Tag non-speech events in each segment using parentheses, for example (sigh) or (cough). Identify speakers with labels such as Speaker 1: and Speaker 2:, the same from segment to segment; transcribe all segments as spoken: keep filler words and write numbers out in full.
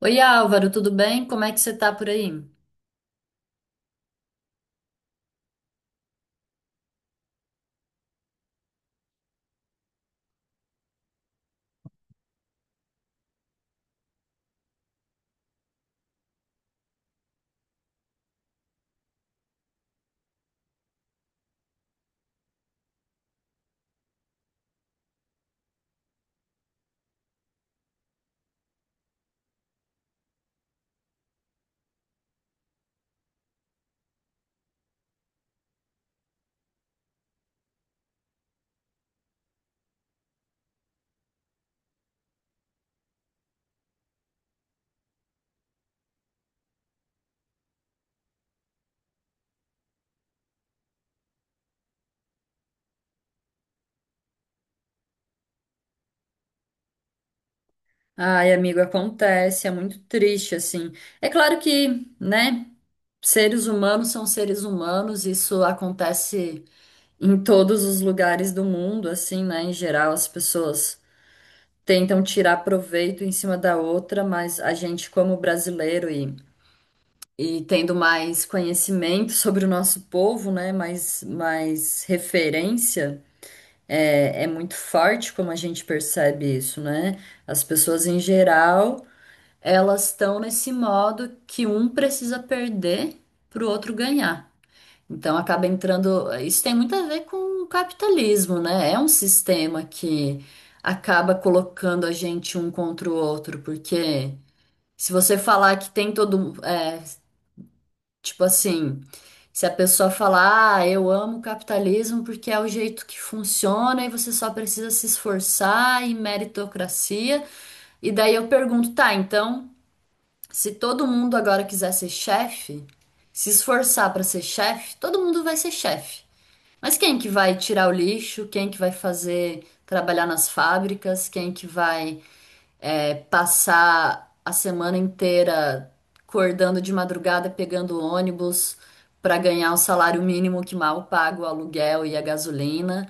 Speaker 1: Oi, Álvaro, tudo bem? Como é que você tá por aí? Ai, amigo, acontece, é muito triste, assim. É claro que, né, seres humanos são seres humanos, isso acontece em todos os lugares do mundo, assim, né, em geral, as pessoas tentam tirar proveito em cima da outra, mas a gente, como brasileiro e, e tendo mais conhecimento sobre o nosso povo, né, mais, mais referência. É, é muito forte como a gente percebe isso, né? As pessoas em geral, elas estão nesse modo que um precisa perder para o outro ganhar. Então acaba entrando. Isso tem muito a ver com o capitalismo, né? É um sistema que acaba colocando a gente um contra o outro, porque se você falar que tem todo, é, tipo assim, se a pessoa falar, ah, eu amo o capitalismo porque é o jeito que funciona e você só precisa se esforçar e meritocracia. E daí eu pergunto, tá, então, se todo mundo agora quiser ser chefe, se esforçar para ser chefe, todo mundo vai ser chefe. Mas quem que vai tirar o lixo? Quem que vai fazer trabalhar nas fábricas? Quem que vai é passar a semana inteira acordando de madrugada, pegando ônibus para ganhar o salário mínimo que mal paga o aluguel e a gasolina.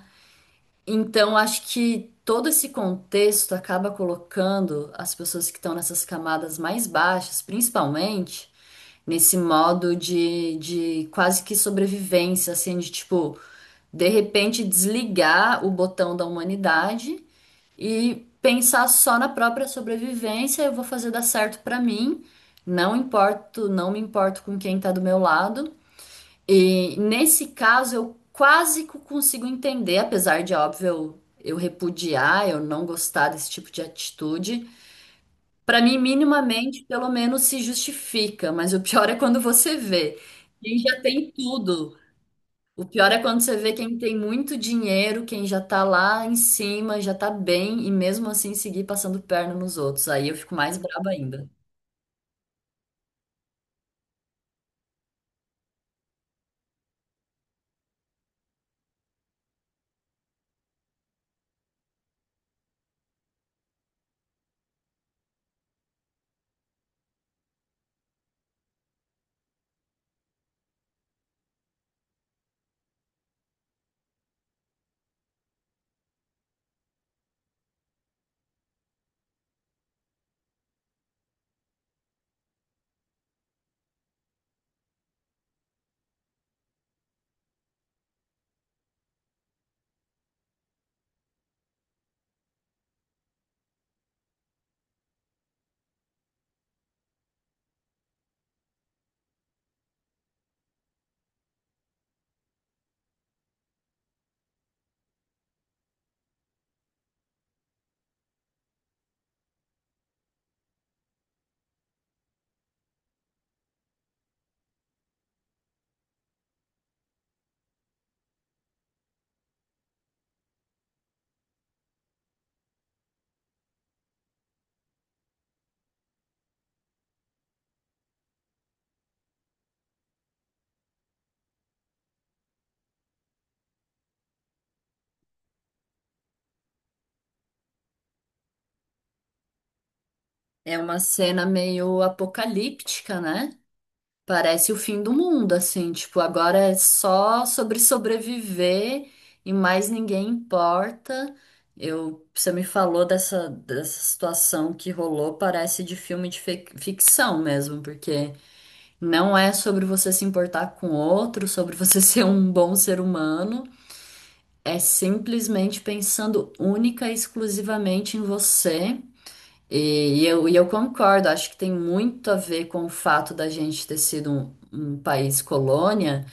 Speaker 1: Então, acho que todo esse contexto acaba colocando as pessoas que estão nessas camadas mais baixas, principalmente, nesse modo de, de quase que sobrevivência, assim, de tipo, de repente desligar o botão da humanidade e pensar só na própria sobrevivência, eu vou fazer dar certo pra mim, não importo, não me importo com quem tá do meu lado. E nesse caso eu quase que consigo entender, apesar de óbvio eu, eu repudiar, eu não gostar desse tipo de atitude. Pra mim, minimamente, pelo menos se justifica, mas o pior é quando você vê. Quem já tem tudo, o pior é quando você vê quem tem muito dinheiro, quem já tá lá em cima, já tá bem, e mesmo assim seguir passando perna nos outros. Aí eu fico mais braba ainda. É uma cena meio apocalíptica, né? Parece o fim do mundo, assim, tipo, agora é só sobre sobreviver e mais ninguém importa. Eu, você me falou dessa, dessa situação que rolou, parece de filme de fic- ficção mesmo, porque não é sobre você se importar com o outro, sobre você (laughs) ser um bom ser humano. É simplesmente pensando única e exclusivamente em você. E, e eu, e eu concordo, acho que tem muito a ver com o fato da gente ter sido um, um país colônia,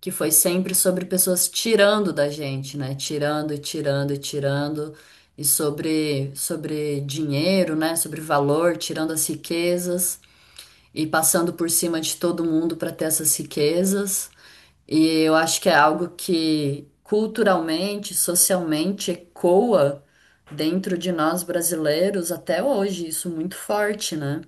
Speaker 1: que foi sempre sobre pessoas tirando da gente, né? Tirando e tirando e tirando. E sobre, sobre dinheiro, né? Sobre valor, tirando as riquezas e passando por cima de todo mundo para ter essas riquezas. E eu acho que é algo que culturalmente, socialmente ecoa dentro de nós brasileiros até hoje, isso muito forte, né?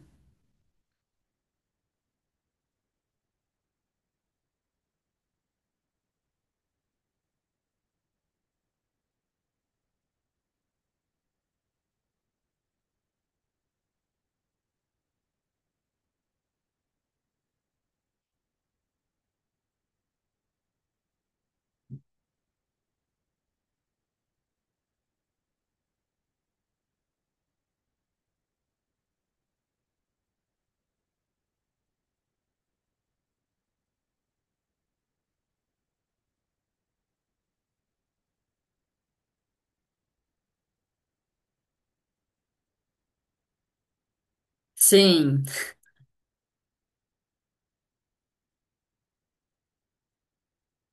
Speaker 1: Sim,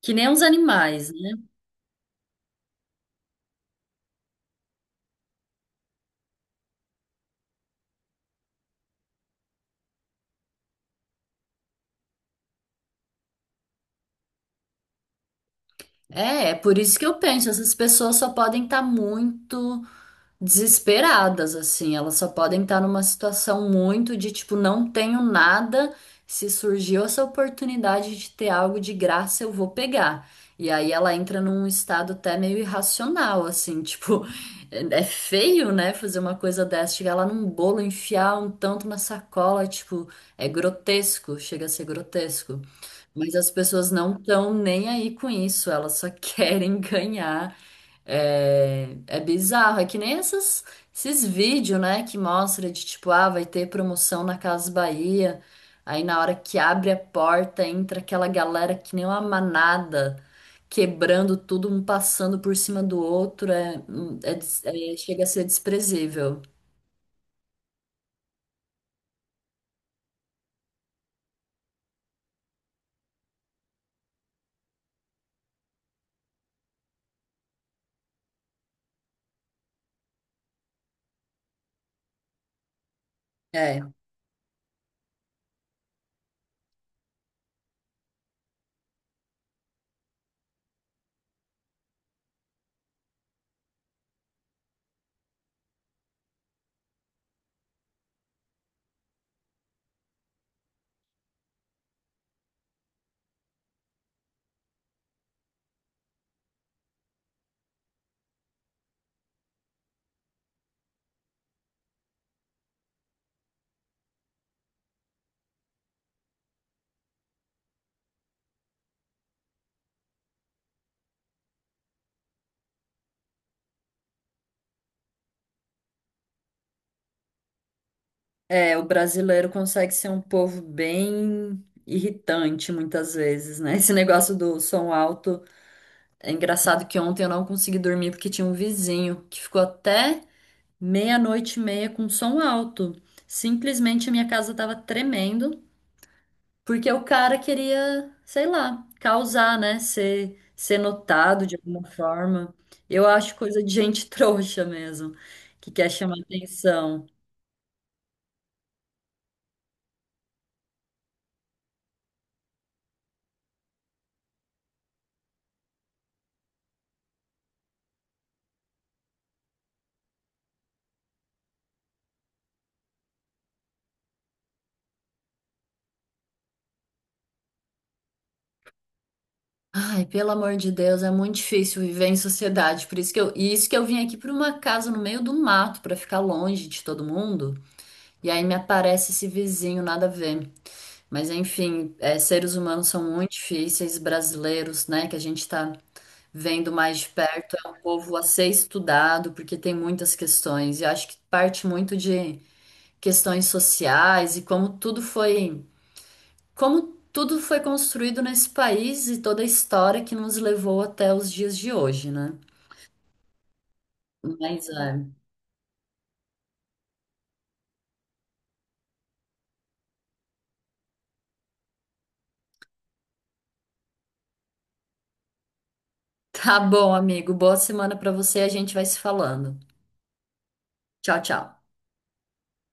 Speaker 1: que nem os animais, né? É, é por isso que eu penso, essas pessoas só podem estar muito desesperadas, assim. Elas só podem estar numa situação muito de tipo, não tenho nada. Se surgiu essa oportunidade de ter algo de graça, eu vou pegar. E aí ela entra num estado até meio irracional, assim, (laughs) tipo, é é feio, né? Fazer uma coisa dessa, chegar lá num bolo, enfiar um tanto na sacola, tipo, é grotesco, chega a ser grotesco. Mas as pessoas não estão nem aí com isso, elas só (laughs) querem ganhar. É, é bizarro, é que nem essas, esses vídeos, né, que mostra de tipo, ah, vai ter promoção na Casa Bahia. Aí na hora que abre a porta, entra aquela galera que nem uma manada, quebrando tudo, um passando por cima do outro, é, hum, é des- é- chega a ser desprezível. É, é, o brasileiro consegue ser um povo bem irritante muitas vezes, né? Esse negócio do som alto. É engraçado que ontem eu não consegui dormir porque tinha um vizinho que ficou até meia-noite e meia com som alto. Simplesmente a minha casa tava tremendo, porque o cara queria, sei lá, causar, né? Ser, ser notado de alguma forma. Eu acho coisa de gente (laughs) trouxa mesmo, que quer chamar atenção. Ai, pelo amor de Deus, é muito difícil viver em sociedade. Por isso que eu, e isso que eu vim aqui para uma casa no meio do mato, para ficar longe de todo mundo. E aí me aparece esse vizinho, nada a ver. Mas enfim, é, seres humanos são muito difíceis, brasileiros, né? Que a gente está vendo mais de perto, é um povo a ser estudado, porque tem muitas questões. E eu acho que parte muito de questões sociais e como tudo foi, como tudo foi construído nesse país e toda a história que nos levou até os dias de hoje, né? Mas é. Tá bom, amigo. Boa semana para você. A gente vai se falando. Tchau, tchau.